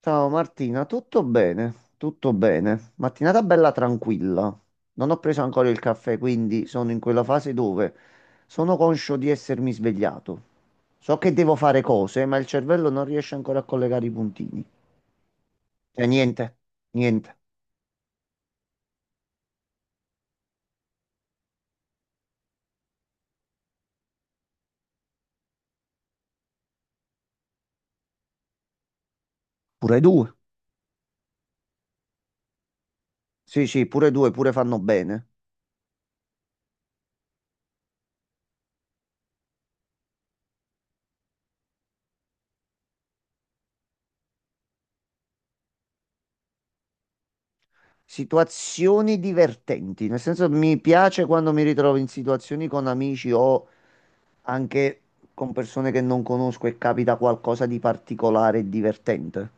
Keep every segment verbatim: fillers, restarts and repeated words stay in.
Ciao Martina, tutto bene? Tutto bene. Mattinata bella tranquilla. Non ho preso ancora il caffè, quindi sono in quella fase dove sono conscio di essermi svegliato. So che devo fare cose, ma il cervello non riesce ancora a collegare i puntini. Cioè, niente, niente. Pure due. Sì, sì, pure due, pure fanno bene. Situazioni divertenti, nel senso mi piace quando mi ritrovo in situazioni con amici o anche con persone che non conosco e capita qualcosa di particolare e divertente.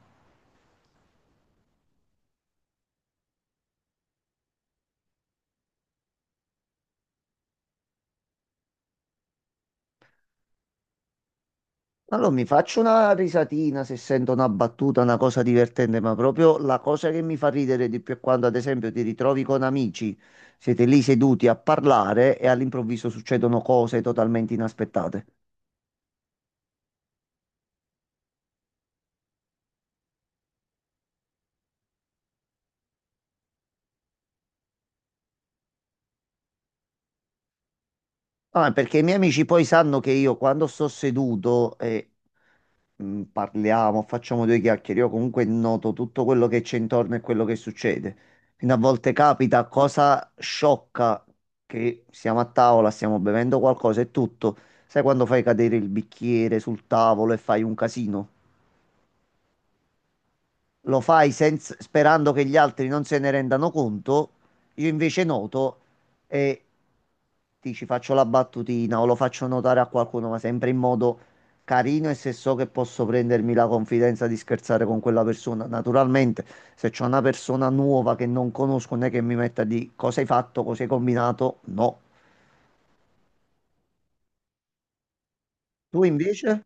Allora mi faccio una risatina se sento una battuta, una cosa divertente, ma proprio la cosa che mi fa ridere di più è quando, ad esempio, ti ritrovi con amici, siete lì seduti a parlare e all'improvviso succedono cose totalmente inaspettate. Ah, perché i miei amici poi sanno che io quando sto seduto e mh, parliamo, facciamo due chiacchiere, io comunque noto tutto quello che c'è intorno e quello che succede. Quindi a volte capita cosa sciocca che siamo a tavola, stiamo bevendo qualcosa e tutto. Sai quando fai cadere il bicchiere sul tavolo e fai un casino? Lo fai senz- sperando che gli altri non se ne rendano conto, io invece noto e dici faccio la battutina o lo faccio notare a qualcuno, ma sempre in modo carino e se so che posso prendermi la confidenza di scherzare con quella persona. Naturalmente, se c'è una persona nuova che non conosco, non è che mi metta di cosa hai fatto, cosa hai combinato, no. Tu invece?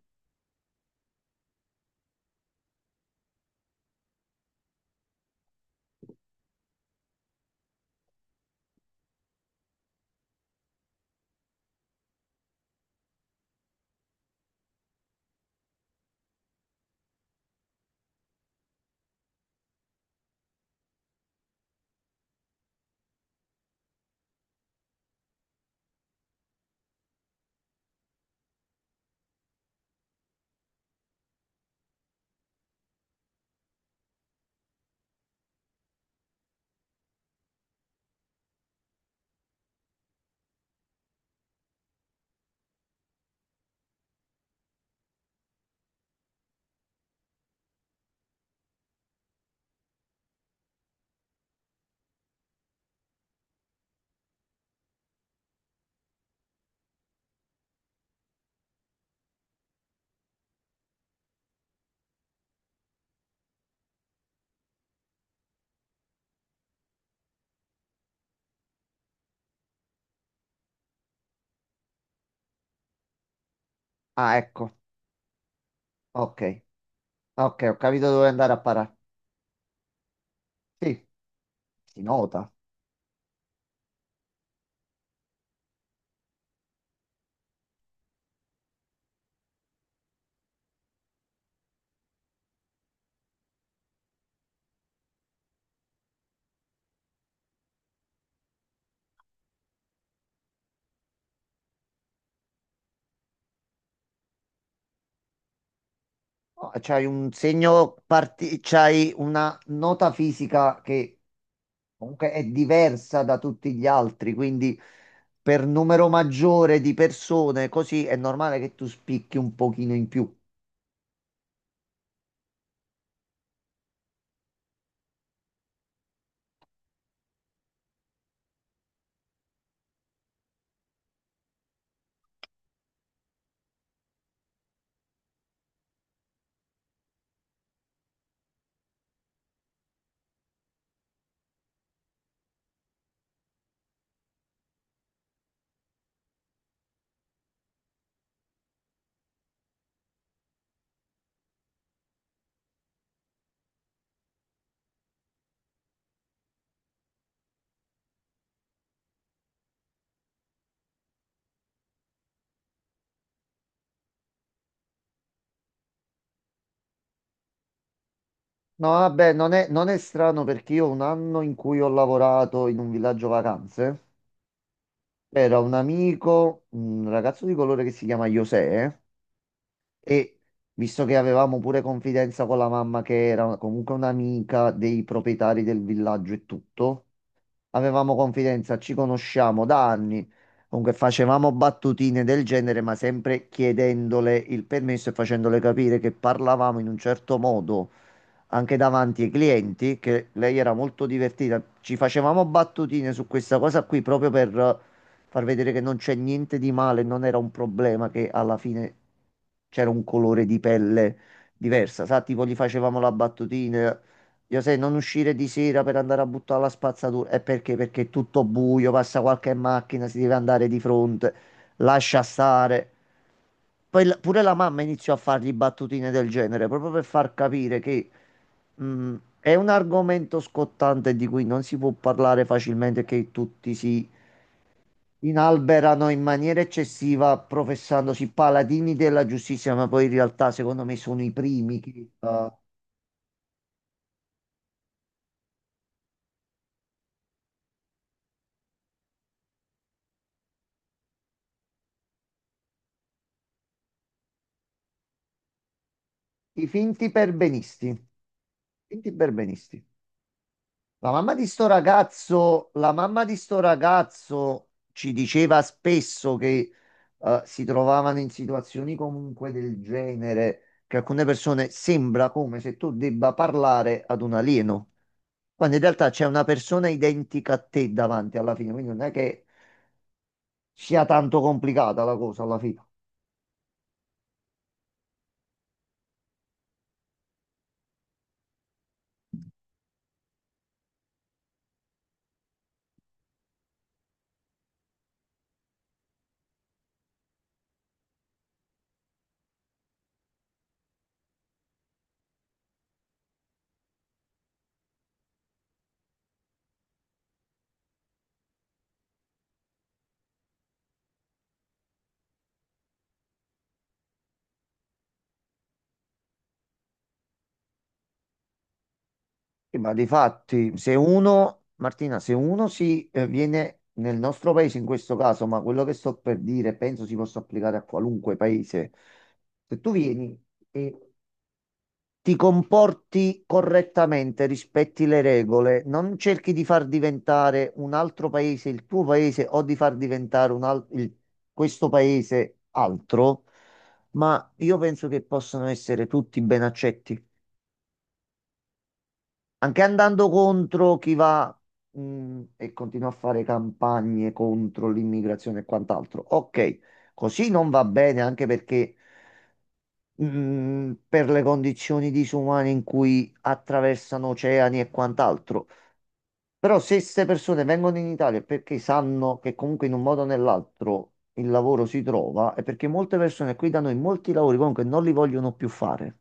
Ah, ecco, ok, ok, ho capito dove andare a parare. Sì, si nota. No, c'hai un segno, parti- c'hai una nota fisica che comunque è diversa da tutti gli altri, quindi per numero maggiore di persone, così è normale che tu spicchi un pochino in più. No, vabbè, non è, non è strano perché io un anno in cui ho lavorato in un villaggio vacanze, c'era un amico, un ragazzo di colore che si chiama José, e visto che avevamo pure confidenza con la mamma, che era comunque un'amica dei proprietari del villaggio e tutto, avevamo confidenza, ci conosciamo da anni. Comunque facevamo battutine del genere, ma sempre chiedendole il permesso e facendole capire che parlavamo in un certo modo anche davanti ai clienti, che lei era molto divertita. Ci facevamo battutine su questa cosa qui proprio per far vedere che non c'è niente di male, non era un problema che alla fine c'era un colore di pelle diversa, sa, tipo gli facevamo la battutina. Io sai, non uscire di sera per andare a buttare la spazzatura. E perché? Perché è tutto buio, passa qualche macchina, si deve andare di fronte, lascia stare. Poi la- pure la mamma iniziò a fargli battutine del genere, proprio per far capire che mh, è un argomento scottante di cui non si può parlare facilmente, che tutti si inalberano in maniera eccessiva, professandosi paladini della giustizia, ma poi in realtà secondo me sono i primi che, eh, i finti perbenisti. Finti perbenisti. La mamma di sto ragazzo, la mamma di sto ragazzo ci diceva spesso che eh, si trovavano in situazioni comunque del genere, che alcune persone sembra come se tu debba parlare ad un alieno, quando in realtà c'è una persona identica a te davanti alla fine, quindi non è che sia tanto complicata la cosa alla fine. Sì, ma di fatti, se uno, Martina, se uno si eh, viene nel nostro paese in questo caso, ma quello che sto per dire penso si possa applicare a qualunque paese, se tu vieni e ti comporti correttamente, rispetti le regole, non cerchi di far diventare un altro paese il tuo paese o di far diventare un al- il- questo paese altro, ma io penso che possano essere tutti ben accetti. Anche andando contro chi va, mh, e continua a fare campagne contro l'immigrazione e quant'altro. Ok, così non va bene anche perché mh, per le condizioni disumane in cui attraversano oceani e quant'altro. Però se queste persone vengono in Italia è perché sanno che comunque in un modo o nell'altro il lavoro si trova, è perché molte persone qui da noi molti lavori comunque non li vogliono più fare.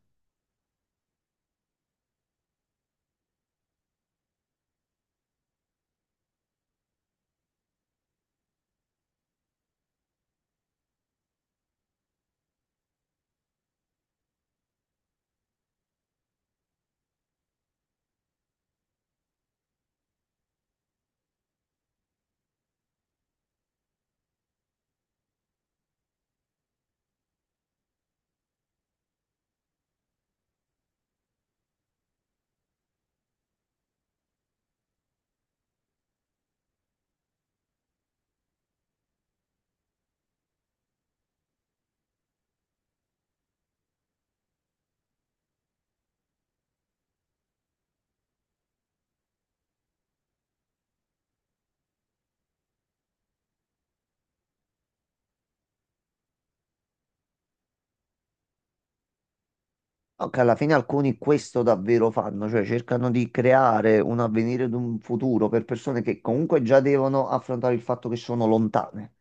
No, che alla fine alcuni questo davvero fanno, cioè cercano di creare un avvenire ed un futuro per persone che comunque già devono affrontare il fatto che sono lontane.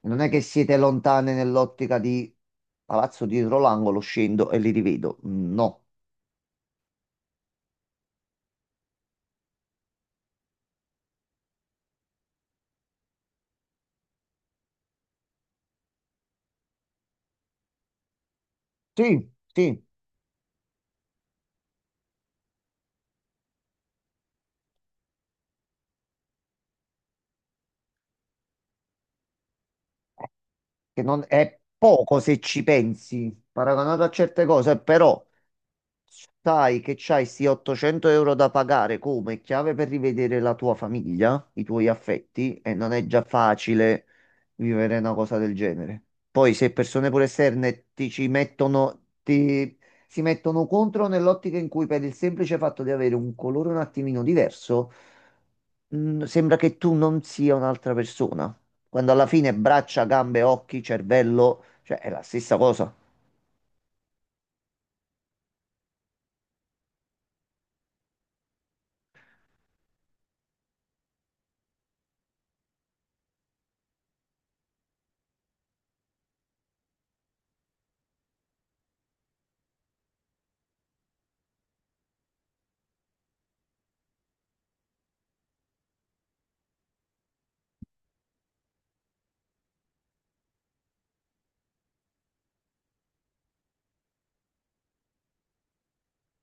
Non è che siete lontane nell'ottica di palazzo dietro l'angolo, scendo e li rivedo. No. Sì, sì, che non è poco se ci pensi, paragonato a certe cose, però sai che c'hai sti ottocento euro da pagare come chiave per rivedere la tua famiglia, i tuoi affetti, e non è già facile vivere una cosa del genere. Poi se persone pure esterne ti ci mettono, ti, si mettono contro nell'ottica in cui per il semplice fatto di avere un colore un attimino diverso, mh, sembra che tu non sia un'altra persona. Quando alla fine braccia, gambe, occhi, cervello, cioè è la stessa cosa.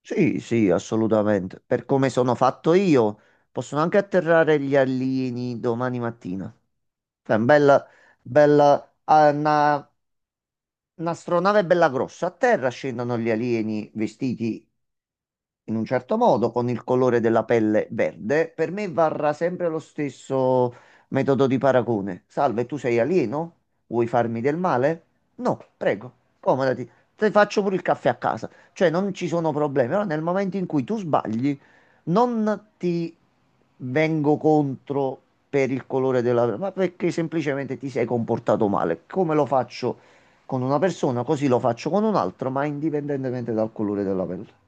Sì, sì, assolutamente. Per come sono fatto io, possono anche atterrare gli alieni domani mattina. Cioè, bella, bella, ah, una, un'astronave bella grossa. A terra scendono gli alieni vestiti in un certo modo, con il colore della pelle verde, per me varrà sempre lo stesso metodo di paragone. Salve, tu sei alieno? Vuoi farmi del male? No, prego, accomodati. Ti faccio pure il caffè a casa. Cioè, non ci sono problemi, però nel momento in cui tu sbagli, non ti vengo contro per il colore della pelle, ma perché semplicemente ti sei comportato male. Come lo faccio con una persona, così lo faccio con un altro, ma indipendentemente dal colore della pelle.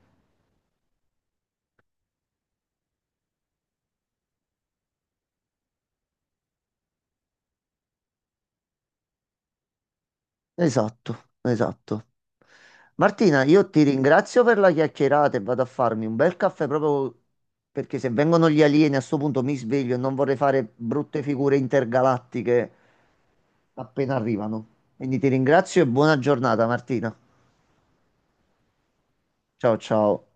Esatto, esatto. Martina, io ti ringrazio per la chiacchierata e vado a farmi un bel caffè proprio perché se vengono gli alieni a sto punto mi sveglio e non vorrei fare brutte figure intergalattiche appena arrivano. Quindi ti ringrazio e buona giornata, Martina. Ciao ciao.